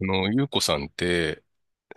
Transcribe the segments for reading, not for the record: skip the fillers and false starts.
ゆうこさんって、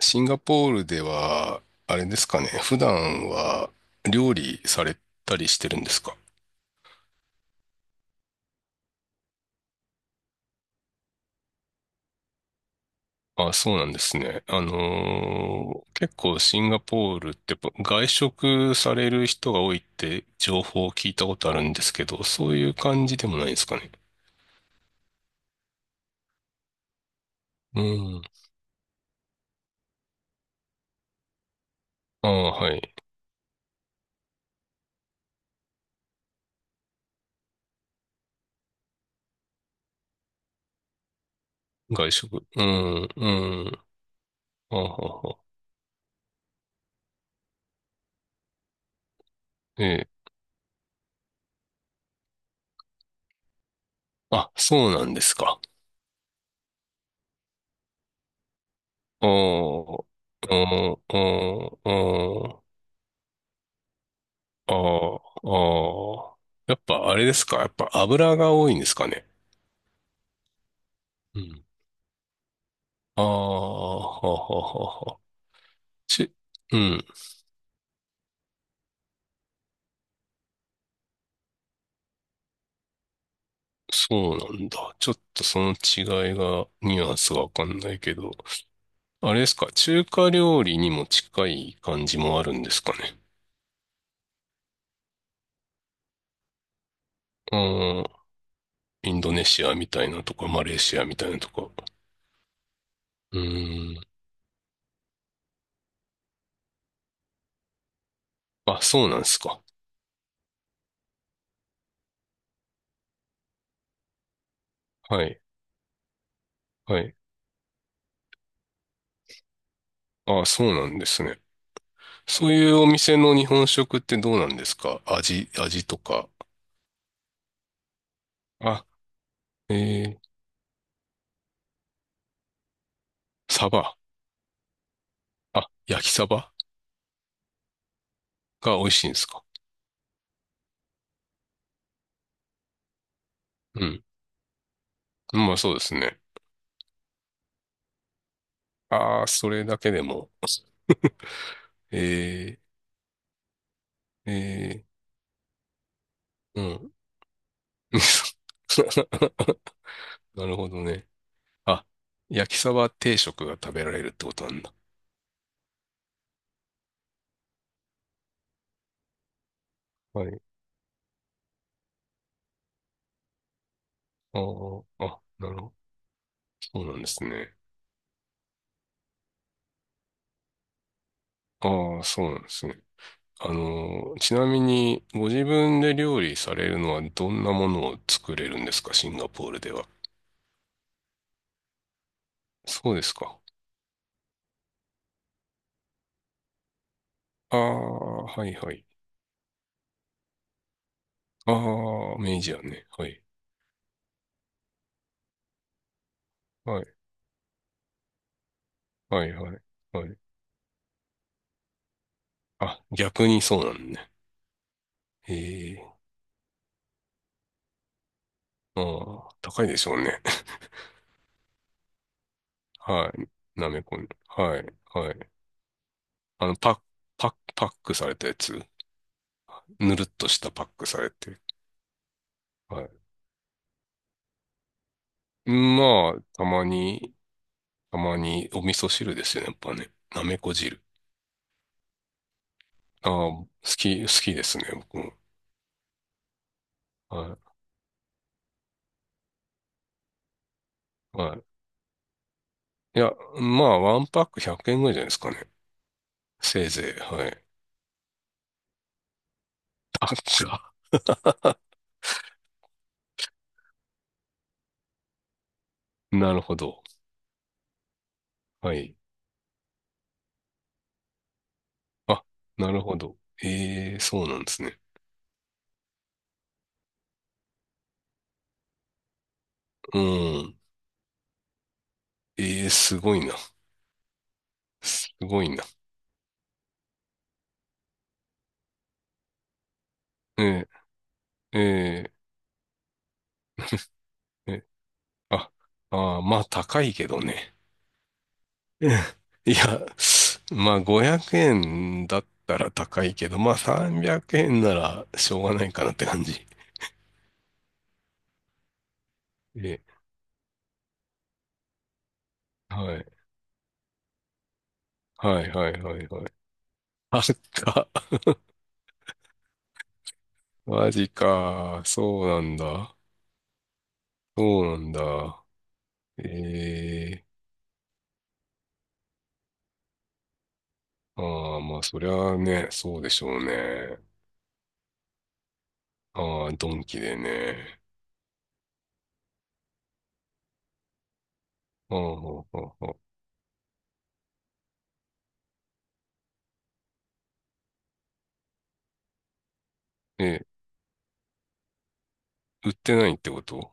シンガポールでは、あれですかね、普段は料理されたりしてるんですか？あ、そうなんですね。結構シンガポールってやっぱ外食される人が多いって情報を聞いたことあるんですけど、そういう感じでもないですかね？うん。ああ、はい。外食。うん、うん。あはは。ええ。あ、そうなんですか？ああ、ああ、ああ、ああ。ああ、ああ。やっぱあれですか？やっぱ油が多いんですかね？うん。ああ、はははは。ち、うん。そうなんだ。ちょっとその違いが、ニュアンスがわかんないけど。あれですか、中華料理にも近い感じもあるんですかね？うん。インドネシアみたいなとか、マレーシアみたいなとか。うーん。あ、そうなんですか？はい。はい。あ、そうなんですね。そういうお店の日本食ってどうなんですか？味とか。あ、えー、サバ。あ、焼きサバが美味しいんですか？うん。まあそうですね。ああ、それだけでも。えー、えー、うん。なるほどね。あ、焼きサバ定食が食べられるってことなんだ。はい。あーあ、なるほど。そうなんですね。ああ、そうなんですね。ちなみに、ご自分で料理されるのはどんなものを作れるんですか、シンガポールでは？そうですか。ああ、はいはい。ああ、明治やね。はい。はい、はい、はい、はい。あ、逆にそうなんね。ええ、ああ、高いでしょうね。はい。なめこね。はい、はい。あの、パッ、パックされたやつ。ぬるっとしたパックされて。はい。まあ、たまにお味噌汁ですよね、やっぱね。なめこ汁。ああ、好きですね、僕も。はい。はい。いや、まあ、ワンパック100円ぐらいじゃないですかね。せいぜい。はい。あ、そうか、なるほど。はい。あ、なるほど。ええ、そうなんですね。うん。ええ、すごいな。すごいな。ええ、ええ、あ、まあ、高いけどね。うん、いや、まあ、500円だったら高いけど、まあ、300円ならしょうがないかなって感じ。ええ、はい。はいはいはいはい。あった。マジか。そうなんだ。そうなんだ。ええーああ、まあそりゃあね、そうでしょうね。ああ、ドンキでね。ああ、はあはあはあ売ってないってこと？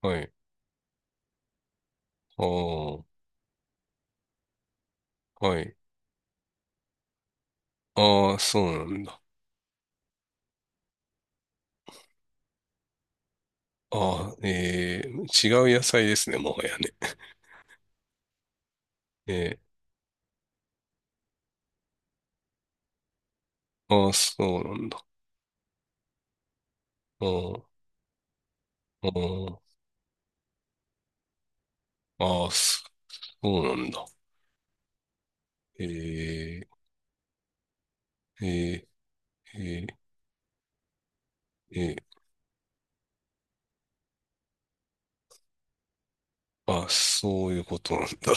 はい。ああ、はい。ああ、そうなんだ。ああ、ええー違う野菜ですね、もはやね。えーああ、そうなんだ。ああ、ああ、ああ、そうなんだ。えええええー、えー、あ、そういうことなんだ。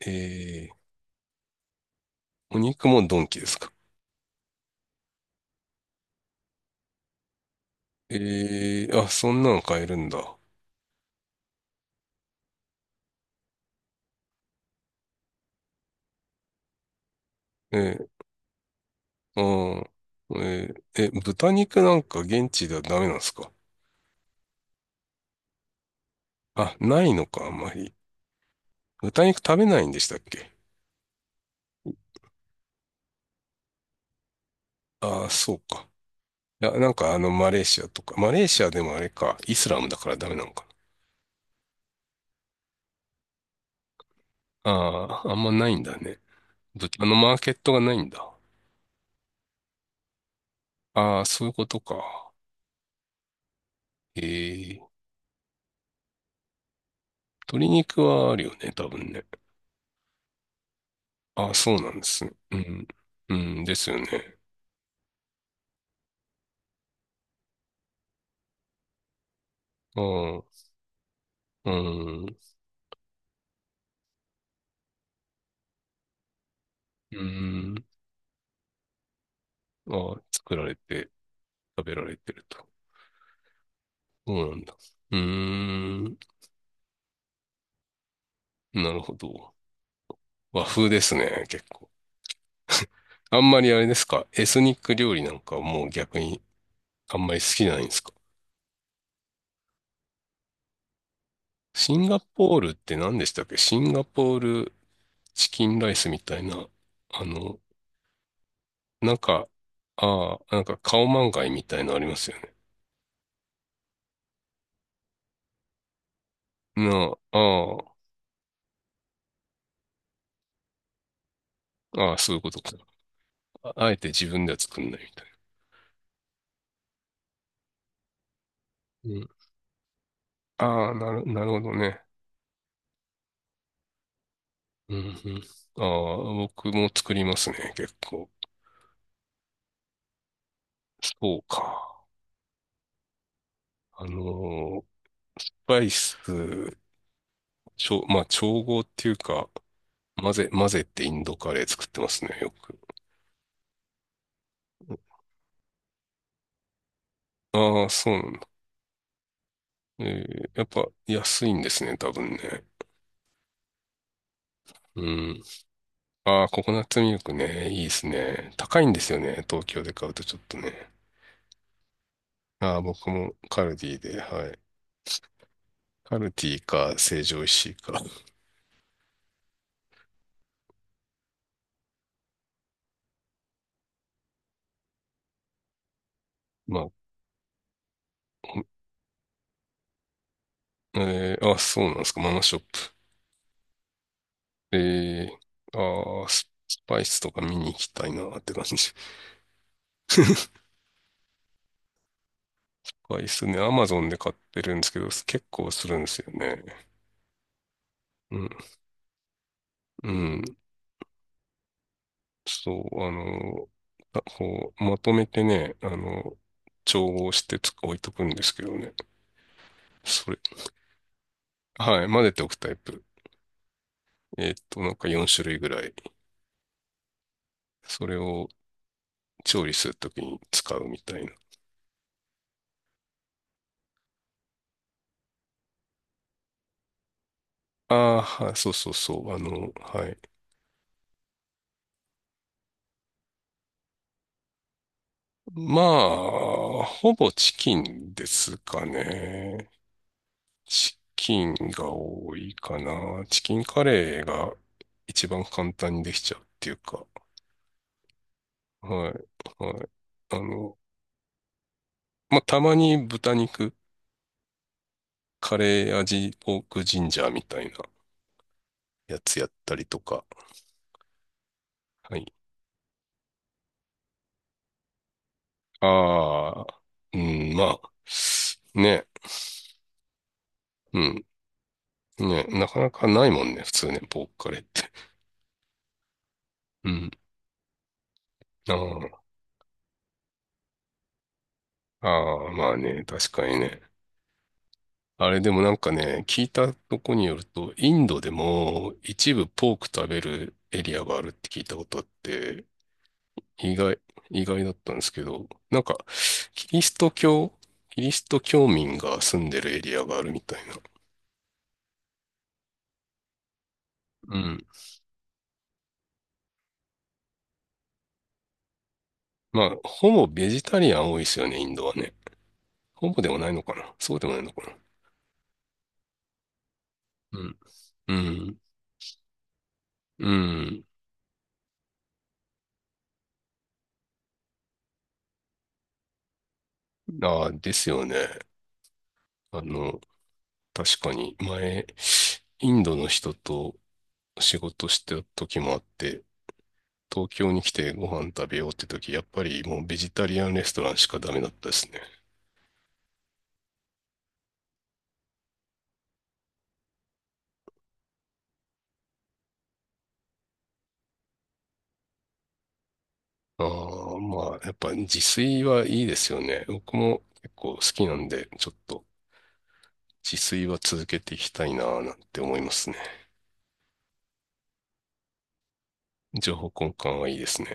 えー、お肉もドンキですか？えー、あ、そんなの買えるんだ。えー、あえー、え、豚肉なんか現地ではダメなんですか？あ、ないのか、あんまり。豚肉食べないんでしたっけ？ああそうか。いや、なんかマレーシアとか。マレーシアでもあれか、イスラムだからダメなのかな。ああ、あんまないんだね。豚のマーケットがないんだ。ああ、そういうことか。ええ、鶏肉はあるよね、多分ね。あ、そうなんですね。うん。うん、ですよね。ああ、うん、うん。ああ、作られて、食べられてると。そうなんだ。うーん、なるほど。和風ですね、結構。あんまりあれですか、エスニック料理なんかもう逆にあんまり好きじゃないんですか？シンガポールって何でしたっけ？シンガポールチキンライスみたいな、あの、なんか、ああ、なんかカオマンガイみたいのありますよね。なあ、ああ、ああ、そういうことか。ああえて自分では作んないみたいな。うん。ああ、なるほどね。うん、うん。ああ、僕も作りますね、結構。そうか。あのースパイス、まあ、調合っていうか、混ぜってインドカレー作ってますね、よく。ああ、そうなんだ。えーやっぱ安いんですね、多分ね。うん。ああ、ココナッツミルクね、いいですね。高いんですよね、東京で買うとちょっとね。ああ、僕もカルディで、はい。カルディか、成城石井か。まあ、えー、あ、そうなんですか、ママショップ？えー、スパイスとか見に行きたいなって感じ。スパイスね、アマゾンで買ってるんですけど、結構するんですよね。うん、うん。そう、あこう、まとめてね、調合して置いとくんですけどね。それ、はい、混ぜておくタイプ。なんか4種類ぐらい。それを調理するときに使うみたいな。ああ、はい、そうそうそう、はい。まあ、ほぼチキンですかね。チキンが多いかな。チキンカレーが一番簡単にできちゃうっていうか。はい、はい。あの、まあ、たまに豚肉、カレー味、ポークジンジャーみたいなやつやったりとか。はい。ああ、うん、まあ、ね。うん。ね、なかなかないもんね、普通ね、ポークカレーって。うん。ああ、ああ、まあね、確かにね。あれでもなんかね、聞いたとこによると、インドでも一部ポーク食べるエリアがあるって聞いたことあって、意外、意外だったんですけど、なんか、キリスト教、キリスト教民が住んでるエリアがあるみたいな。うん。まあ、ほぼベジタリアン多いですよね、インドはね。ほぼでもないのかな？そうでもないのかな？うん。うん。うん。ああ、ですよね。あの、確かに、前、インドの人と仕事してた時もあって、東京に来てご飯食べようって時、やっぱりもうベジタリアンレストランしかダメだったですね。ああ、まあ、やっぱ自炊はいいですよね。僕も結構好きなんで、ちょっと自炊は続けていきたいな、なんて思いますね。情報交換はいいですね。